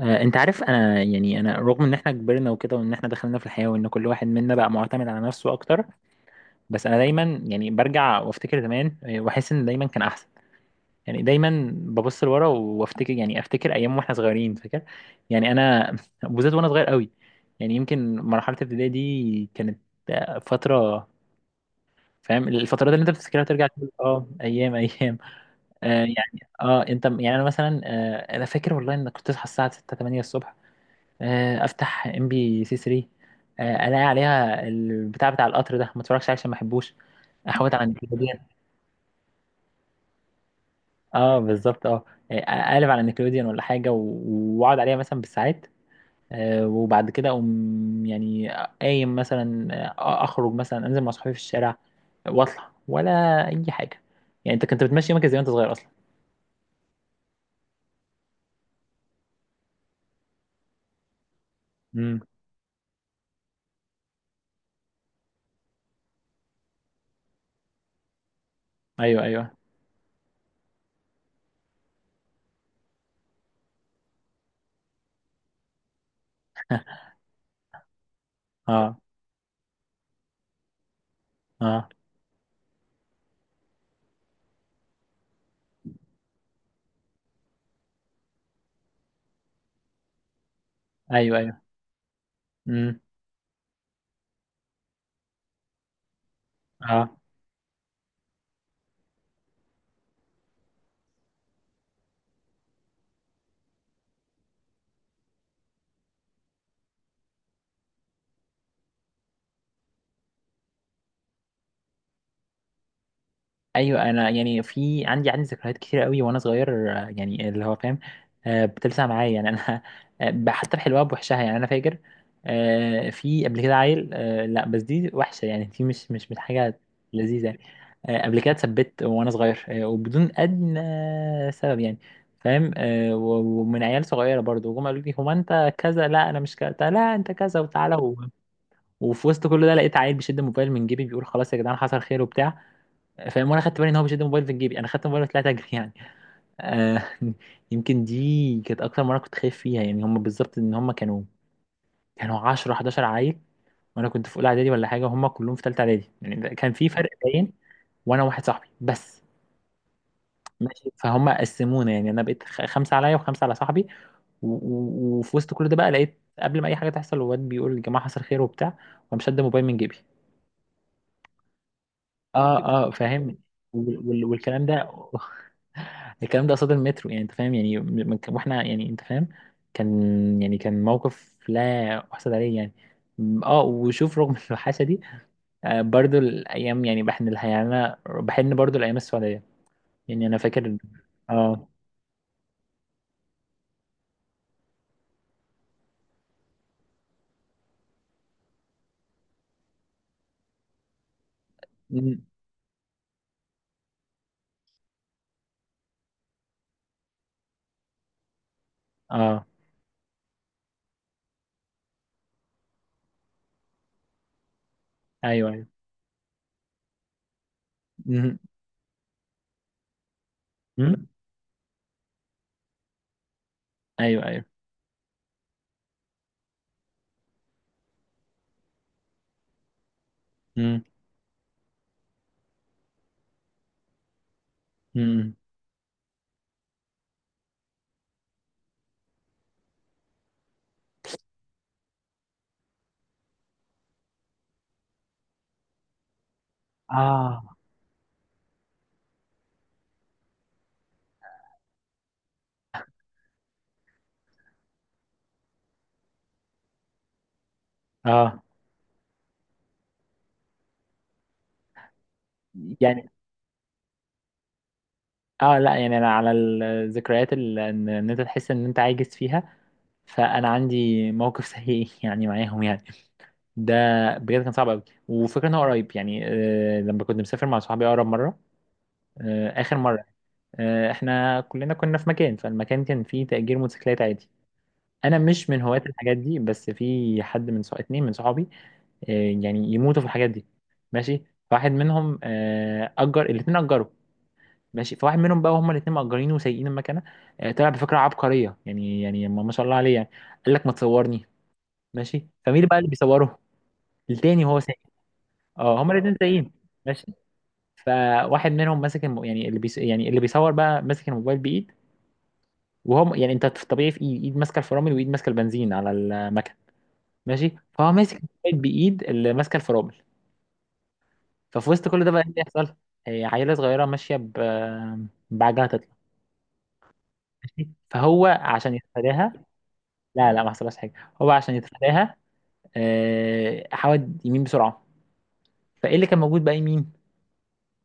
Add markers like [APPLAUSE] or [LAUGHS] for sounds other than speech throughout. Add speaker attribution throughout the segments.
Speaker 1: انت عارف، انا يعني انا رغم ان احنا كبرنا وكده، وان احنا دخلنا في الحياة، وان كل واحد منا بقى معتمد على نفسه اكتر. بس انا دايما يعني برجع وافتكر زمان، واحس ان دايما كان احسن. يعني دايما ببص لورا وافتكر، يعني ايام واحنا صغيرين، فاكر؟ يعني انا [LAUGHS] بالذات وانا صغير قوي، يعني يمكن مرحلة الابتدائي دي كانت فترة. فاهم الفترات اللي انت بتفتكرها ترجع تقول اه ايام [LAUGHS] ايام. انت يعني انا مثلا انا فاكر والله ان كنت اصحى الساعة 6 8 الصبح، افتح ام بي سي 3، الاقي عليها البتاع بتاع القطر ده، ما اتفرجش عليه عشان ما احبوش، احوط على نيكلوديان. اه بالظبط اه. اقلب على نيكلوديان ولا حاجه، واقعد عليها مثلا بالساعات. وبعد كده اقوم يعني، قايم مثلا، اخرج مثلا، انزل مع صحابي في الشارع واطلع ولا اي حاجه. يعني انت كنت بتمشي يومك ازاي وانت صغير اصلا؟ امم. ايوه ايوه. اه اه. ايوه ايوه. امم. اه. ايوه، انا يعني في عندي ذكريات كتير قوي وانا صغير، يعني اللي هو فاهم، بتلسع معايا، يعني انا [LAUGHS] حتى بحلوها بوحشها، يعني انا فاكر في قبل كده عيل، لا بس دي وحشه، يعني دي مش حاجه لذيذه يعني. قبل كده اتثبت وانا صغير وبدون ادنى سبب يعني، فاهم؟ ومن عيال صغيره برضو، وهم قالوا لي هو انت كذا، لا انا مش كذا، لا انت كذا وتعالى و... وفي وسط كل ده لقيت عيل بيشد الموبايل من جيبي بيقول خلاص يا جدعان حصل خير وبتاع. فاهم؟ وانا خدت بالي ان هو بيشد الموبايل في جيبي، انا خدت الموبايل وطلعت اجري يعني. آه [LAUGHS] يمكن دي كانت اكتر مره كنت خايف فيها يعني، هم بالظبط ان هم كانوا 10 11 عيل، وانا كنت في اولى اعدادي ولا حاجه، وهم كلهم في ثالثه اعدادي، يعني ده كان في فرق باين. وانا واحد صاحبي بس. ماشي، فهم قسمونا يعني، انا بقيت خمسه عليا وخمسه على صاحبي. وفي وسط كل ده بقى لقيت قبل ما اي حاجه تحصل الواد بيقول يا جماعه حصل خير وبتاع، وقام شد موبايل من جيبي. اه. اه فاهم. والكلام ده [LAUGHS] الكلام ده قصاد المترو يعني، انت فاهم؟ يعني واحنا يعني انت فاهم، كان يعني كان موقف لا احسد عليه يعني. اه، وشوف رغم [LAUGHS] الوحشه دي برضو الايام يعني بحن لها، يعني انا بحن برضو الايام السعوديه يعني، انا فاكر. اه. مم. اه. ايوه ايوه. مم. مم. ايوه ايوه. مم. مم. اه. اه. يعني اه لا، يعني انا على الذكريات اللي إن انت تحس ان انت عاجز فيها، فانا عندي موقف سيء [LAUGHS] يعني معاهم يعني، ده بجد كان صعب قوي، وفكرة ان هو قريب يعني. لما كنت مسافر مع صحابي اقرب مره، اخر مره، احنا كلنا كنا في مكان، فالمكان كان فيه تأجير موتوسيكلات عادي. انا مش من هواة الحاجات دي، بس في حد من اتنين من صحابي آه يعني يموتوا في الحاجات دي. ماشي، واحد منهم اجر، الاتنين اجروا. ماشي، فواحد منهم بقى، هما الاثنين مأجرينه وسايقين المكنه. طلع بفكره عبقريه يعني، يعني ما شاء الله عليه يعني، قال لك ما تصورني. ماشي، فمين اللي بقى اللي بيصوره؟ التاني وهو سايق. اه هما الاثنين سايقين. ماشي، فواحد منهم ماسك يعني اللي يعني اللي بيصور بقى ماسك الموبايل بايد، وهو يعني انت في الطبيعي في ايد ماسكه الفرامل وايد ماسكه البنزين على المكنه. ماشي، فهو ماسك الموبايل بايد اللي ماسكه الفرامل. ففي وسط كل ده بقى ايه اللي يحصل؟ هي عيله صغيره ماشيه بعجلة تطلع. ماشي؟ فهو عشان يتفاداها، لا لا، ما حصلهاش حاجه. هو عشان يتفاداها حود يمين بسرعه. فايه اللي كان موجود بقى يمين؟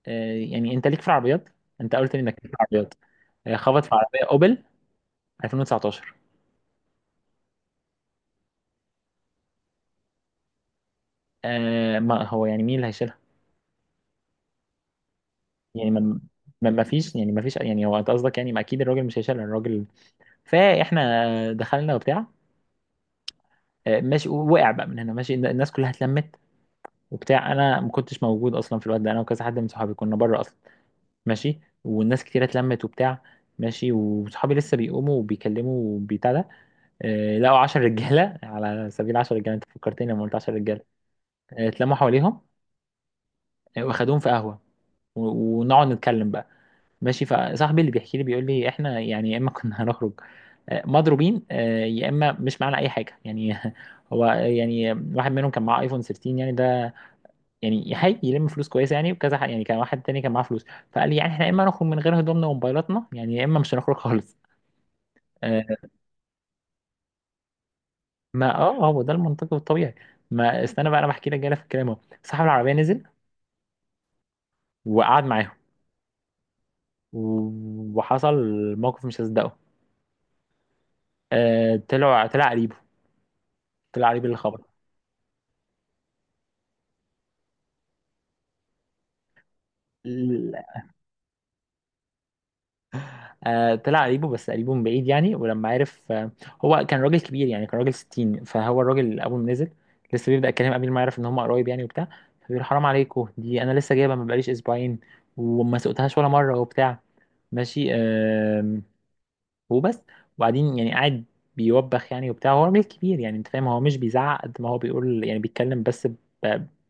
Speaker 1: يعني انت ليك في العربيات، انت قلت لي انك ليك في العربيات. خبط في عربيه اوبل 2019. ما هو يعني مين اللي هيشيلها؟ يعني ما فيش، يعني ما فيش، يعني هو انت قصدك يعني ما، اكيد الراجل مش هيشيلها الراجل. فاحنا دخلنا وبتاع، ماشي، وقع بقى من هنا، ماشي، الناس كلها اتلمت وبتاع، انا ما كنتش موجود اصلا في الوقت ده، انا وكذا حد من صحابي كنا بره اصلا. ماشي، والناس كتيرة اتلمت وبتاع. ماشي، وصحابي لسه بيقوموا وبيكلموا بتاع ده، لقوا 10 رجالة [LAUGHS] على سبيل 10 رجالة، انت فكرتني لما قلت 10 رجالة، اتلموا حواليهم، واخدوهم في قهوة، ونقعد نتكلم بقى. ماشي، فصاحبي اللي بيحكي لي بيقول لي احنا يعني يا اما كنا [LAUGHS] هنخرج مضروبين، يا اما مش معانا اي حاجه يعني [LAUGHS] هو يعني واحد منهم كان معاه ايفون 13، يعني ده يعني هاي يلم فلوس كويسه يعني وكذا حق يعني، كان واحد تاني كان معاه فلوس. فقال لي يعني احنا يا اما نخرج من غير هدومنا وموبايلاتنا يعني، يا اما مش هنخرج خالص. آه ما اه هو ده المنطقي والطبيعي، ما استنى بقى انا بحكي لك جاي في الكلام اهو. صاحب العربيه نزل وقعد معاهم وحصل موقف مش هصدقه. طلع قريبه، طلع قريب اللي خبره، طلع قريبه، بس قريبه من بعيد يعني، ولما عرف هو كان راجل كبير يعني، كان راجل 60، فهو الراجل اول ما نزل لسه بيبدأ الكلام قبل ما يعرف ان هم قرايب يعني وبتاع، فبيقول حرام عليكم، دي انا لسه جايبها، ما بقاليش اسبوعين، وما سقتهاش ولا مره وبتاع. ماشي وبس. وبعدين يعني قاعد بيوبخ يعني وبتاع، هو راجل كبير يعني، انت فاهم؟ هو مش بيزعق قد ما هو بيقول يعني، بيتكلم بس ب،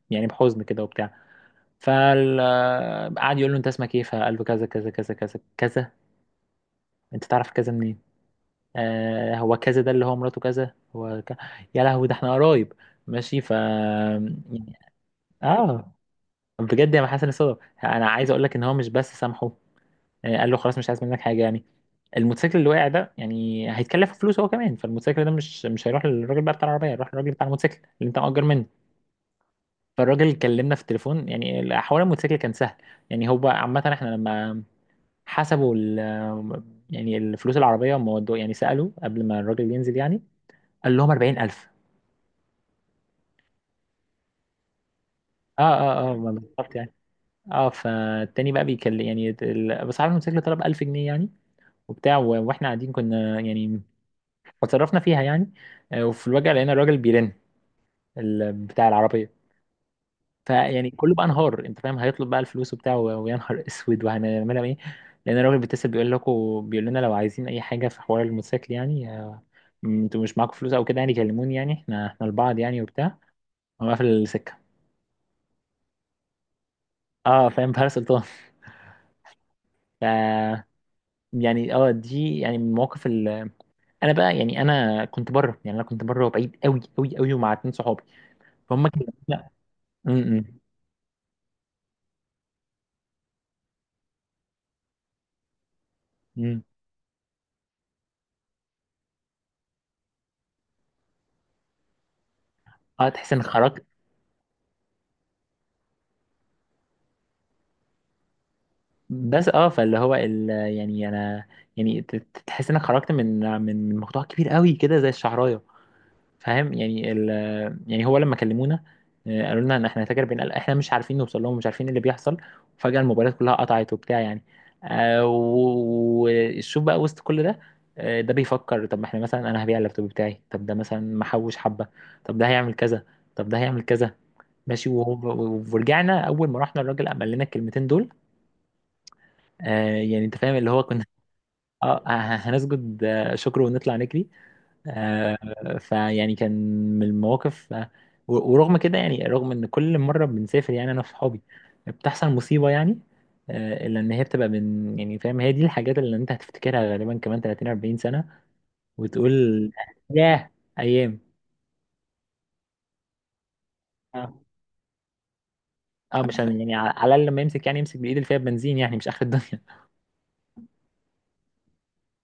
Speaker 1: يعني بحزن كده وبتاع. فقعد يقول له انت اسمك ايه، فقال له كذا كذا كذا كذا كذا. انت تعرف كذا منين؟ هو كذا ده اللي هو مراته كذا هو يا لهوي، ده احنا قرايب. ماشي ف يعني. اه بجد يا حسن الصدف. انا عايز اقول لك ان هو مش بس سامحه، قال له خلاص مش عايز منك حاجه يعني، الموتوسيكل اللي وقع ده يعني هيتكلف فلوس هو كمان، فالموتوسيكل ده مش هيروح للراجل بقى بتاع العربيه، هيروح للراجل بتاع الموتوسيكل اللي انت مأجر منه. فالراجل كلمنا في التليفون، يعني حوار الموتوسيكل كان سهل، يعني هو عامه احنا لما حسبوا ال... يعني الفلوس، العربيه هم يعني سالوا قبل ما الراجل ينزل يعني، قال لهم 40,000. اه اه اه ما بالظبط يعني. اه، فالتاني بقى بيكلم يعني بس عارف الموتوسيكل طلب 1000 جنيه يعني وبتاع، واحنا قاعدين كنا يعني، اتصرفنا فيها يعني. وفي الواجهه لقينا الراجل بيرن، بتاع العربيه. فيعني كله بقى انهار، انت فاهم، هيطلب بقى الفلوس وبتاع، ويا نهار [LAUGHS] اسود، وهنعملها ايه؟ لان الراجل بيتصل بيقول لكم، بيقول لنا لو عايزين اي حاجه في حوار الموتوسيكل يعني، انتوا مش معاكم فلوس او كده يعني كلموني، يعني احنا احنا لبعض يعني وبتاع. هو قافل السكه. اه فاهم [LAUGHS] بهاء سلطان. ف يعني اه دي يعني من المواقف. انا بقى يعني، انا كنت بره يعني، انا كنت بره وبعيد قوي قوي قوي ومع اتنين صحابي، فهم كانوا لا. م- م- م. اه تحس انك خرجت. بس اه فاللي هو ال... يعني انا يعني تحس انك خرجت من موضوع كبير قوي كده زي الشعرايه. فاهم؟ يعني ال، يعني هو لما كلمونا قالوا لنا ان احنا هنتاجر، بين احنا مش عارفين نوصل لهم، مش عارفين ايه اللي بيحصل، وفجأة الموبايلات كلها قطعت وبتاع يعني آه، و- وشوف بقى وسط كل ده ده بيفكر، طب ما احنا مثلا انا هبيع اللابتوب بتاعي، طب ده مثلا محوش حبة، طب ده هيعمل كذا، طب ده هيعمل كذا. ماشي ورجعنا، اول ما رحنا الراجل قام قال لنا الكلمتين دول، يعني انت فاهم اللي هو كنا اه هنسجد شكر ونطلع نجري. فيعني كان من المواقف ورغم كده يعني، رغم ان كل مره بنسافر يعني انا وصحابي بتحصل مصيبه يعني، الا ان هي بتبقى من يعني فاهم، هي دي الحاجات اللي انت هتفتكرها غالبا كمان 30 40 سنه، وتقول ياه ايام. اه اه، مش يعني، على على الاقل لما يمسك يعني يمسك بايد اللي فيها بنزين يعني، مش اخر الدنيا.